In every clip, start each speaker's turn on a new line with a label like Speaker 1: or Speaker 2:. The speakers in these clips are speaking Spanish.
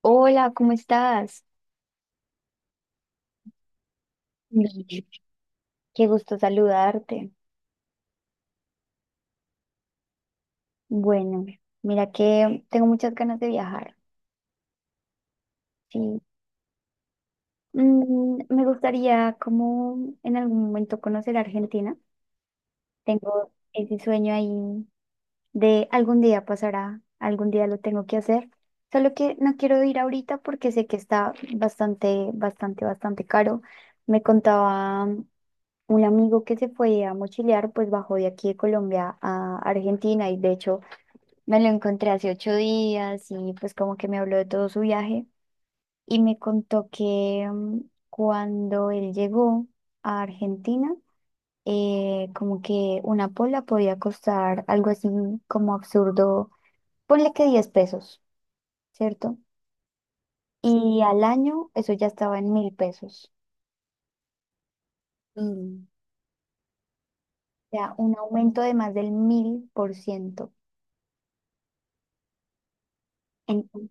Speaker 1: Hola, ¿cómo estás? Bien. Qué gusto saludarte. Bueno, mira que tengo muchas ganas de viajar. Sí. Me gustaría como en algún momento conocer Argentina. Tengo ese sueño ahí de algún día pasará, algún día lo tengo que hacer. Solo que no quiero ir ahorita porque sé que está bastante, bastante, bastante caro. Me contaba un amigo que se fue a mochilear, pues bajó de aquí de Colombia a Argentina y de hecho. Me lo encontré hace 8 días y pues como que me habló de todo su viaje y me contó que cuando él llegó a Argentina, como que una pola podía costar algo así como absurdo, ponle que 10 pesos, ¿cierto? Y al año eso ya estaba en 1.000 pesos. Mm. O sea, un aumento de más del 1.000%. En-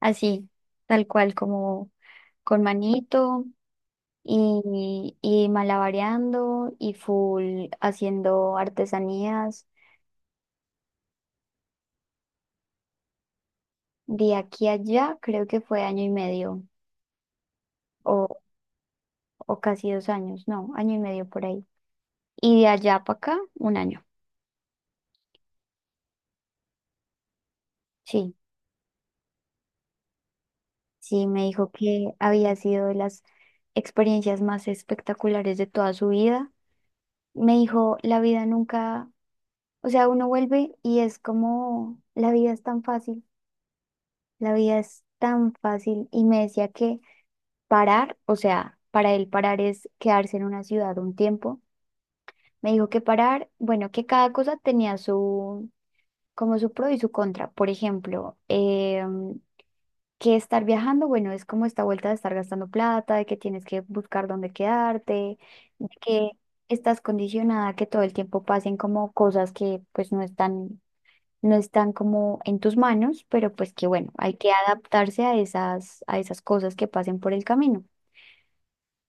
Speaker 1: Así, tal cual, como con manito. Y malabareando y full haciendo artesanías de aquí a allá, creo que fue año y medio o, o casi 2 años, no, año y medio por ahí. Y de allá para acá, un año. Sí, sí, me dijo que había sido de las experiencias más espectaculares de toda su vida. Me dijo, la vida nunca, o sea, uno vuelve y es como, la vida es tan fácil, la vida es tan fácil. Y me decía que parar, o sea, para él parar es quedarse en una ciudad un tiempo. Me dijo que parar, bueno, que cada cosa tenía su, como su pro y su contra. Por ejemplo, que estar viajando, bueno, es como esta vuelta de estar gastando plata, de que tienes que buscar dónde quedarte, de que estás condicionada a que todo el tiempo pasen como cosas que pues no están, no están como en tus manos, pero pues que bueno, hay que adaptarse a esas cosas que pasen por el camino.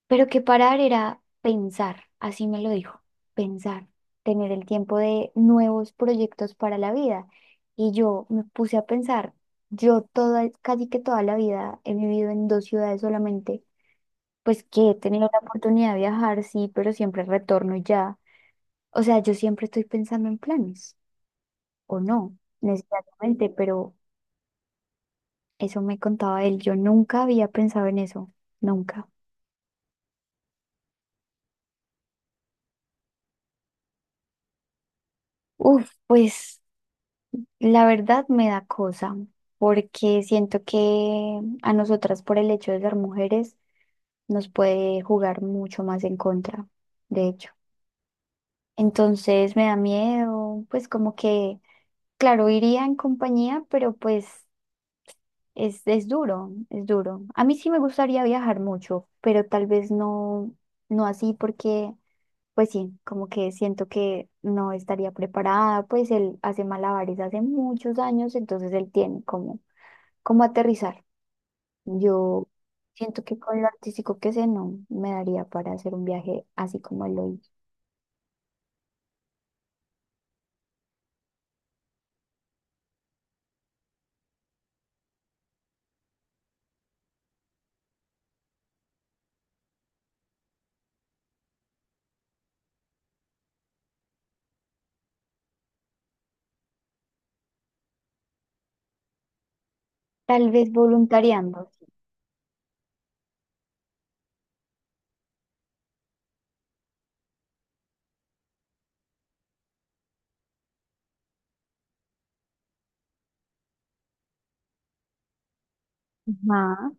Speaker 1: Pero que parar era pensar, así me lo dijo, pensar, tener el tiempo de nuevos proyectos para la vida. Y yo me puse a pensar, yo toda, casi que toda la vida he vivido en dos ciudades solamente, pues que he tenido la oportunidad de viajar, sí, pero siempre retorno y ya. O sea, yo siempre estoy pensando en planes, o no, necesariamente, pero eso me contaba él, yo nunca había pensado en eso, nunca. Uf, pues. La verdad me da cosa, porque siento que a nosotras por el hecho de ser mujeres nos puede jugar mucho más en contra, de hecho. Entonces me da miedo, pues como que, claro, iría en compañía, pero pues es duro, es duro. A mí sí me gustaría viajar mucho, pero tal vez no, no así porque, pues sí, como que siento que no estaría preparada, pues él hace malabares hace muchos años, entonces él tiene como aterrizar. Yo siento que con lo artístico que sé, no me daría para hacer un viaje así como él lo hice. Tal vez voluntariando. Sí. Ajá,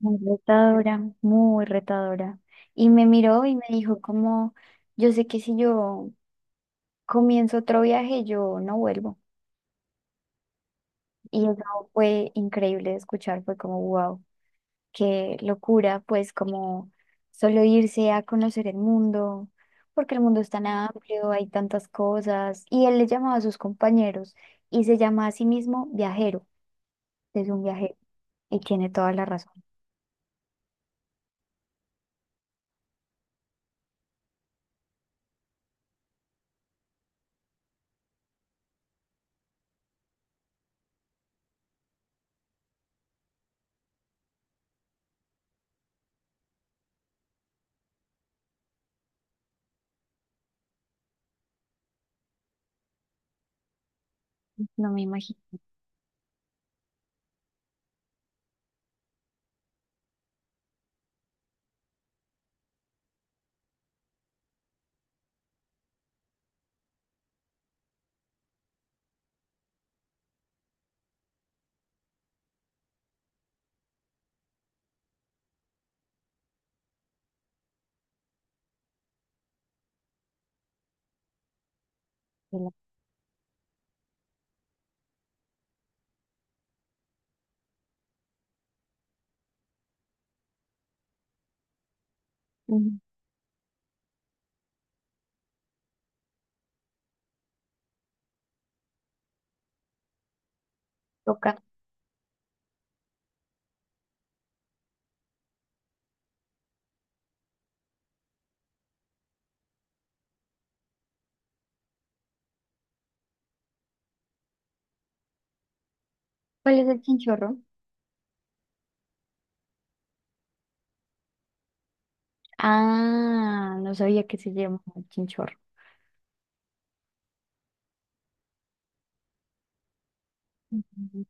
Speaker 1: muy retadora, muy retadora. Y me miró y me dijo como, yo sé que si yo comienzo otro viaje, yo no vuelvo. Y eso fue increíble de escuchar, fue como, wow. Qué locura, pues como solo irse a conocer el mundo, porque el mundo es tan amplio, hay tantas cosas. Y él le llamaba a sus compañeros y se llama a sí mismo viajero, es un viajero y tiene toda la razón. No me imagino que la Ujú. Toca. ¿Cuál es el chinchorro? Ah, no sabía que se llamaba chinchorro. Ujú.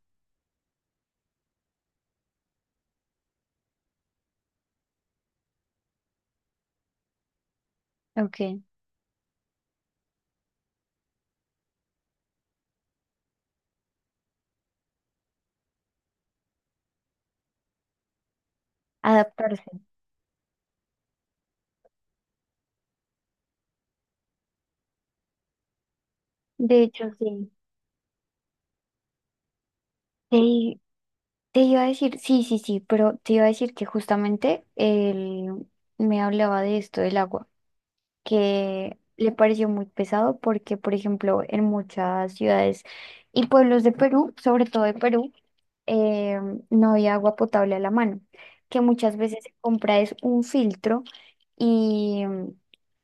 Speaker 1: Ok, adaptarse. De hecho, sí. Sí, te iba a decir, sí, sí, sí, pero te iba a decir que justamente él me hablaba de esto del agua que le pareció muy pesado porque, por ejemplo, en muchas ciudades y pueblos de Perú, sobre todo de Perú, eh, no había agua potable a la mano, que muchas veces se compra es un filtro y,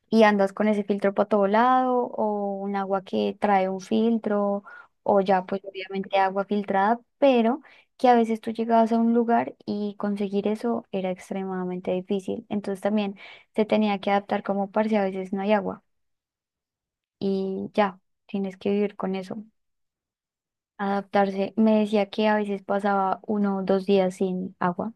Speaker 1: y andas con ese filtro para todo lado o un agua que trae un filtro o ya pues obviamente agua filtrada, pero que a veces tú llegabas a un lugar y conseguir eso era extremadamente difícil. Entonces también se tenía que adaptar como parce, a veces no hay agua y ya, tienes que vivir con eso, adaptarse. Me decía que a veces pasaba 1 o 2 días sin agua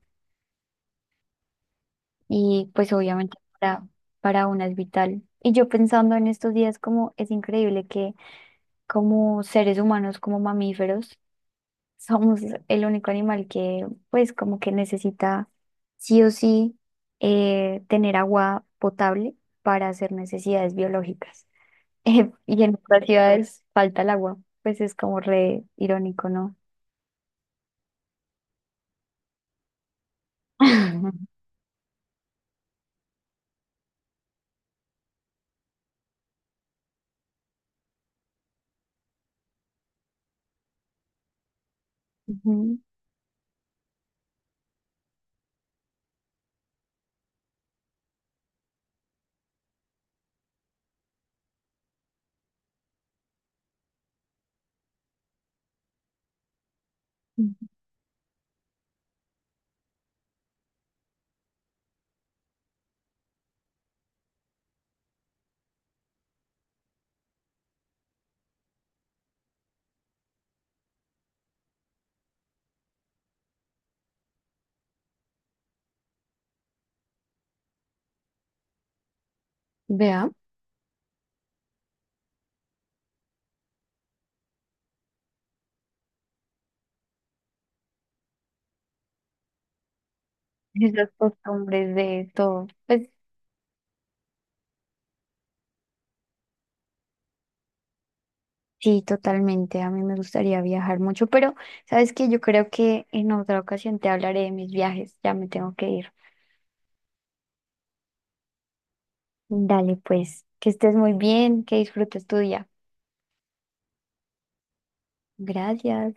Speaker 1: y pues obviamente para, una es vital. Y yo pensando en estos días como es increíble que como seres humanos, como mamíferos, somos el único animal que pues como que necesita sí o sí tener agua potable para hacer necesidades biológicas. Y en otras ciudades falta el agua. Pues es como re irónico, ¿no? Ujú. Vea, esas costumbres de todo. Pues sí, totalmente. A mí me gustaría viajar mucho, pero sabes que yo creo que en otra ocasión te hablaré de mis viajes. Ya me tengo que ir. Dale, pues, que estés muy bien, que disfrutes tu día. Gracias.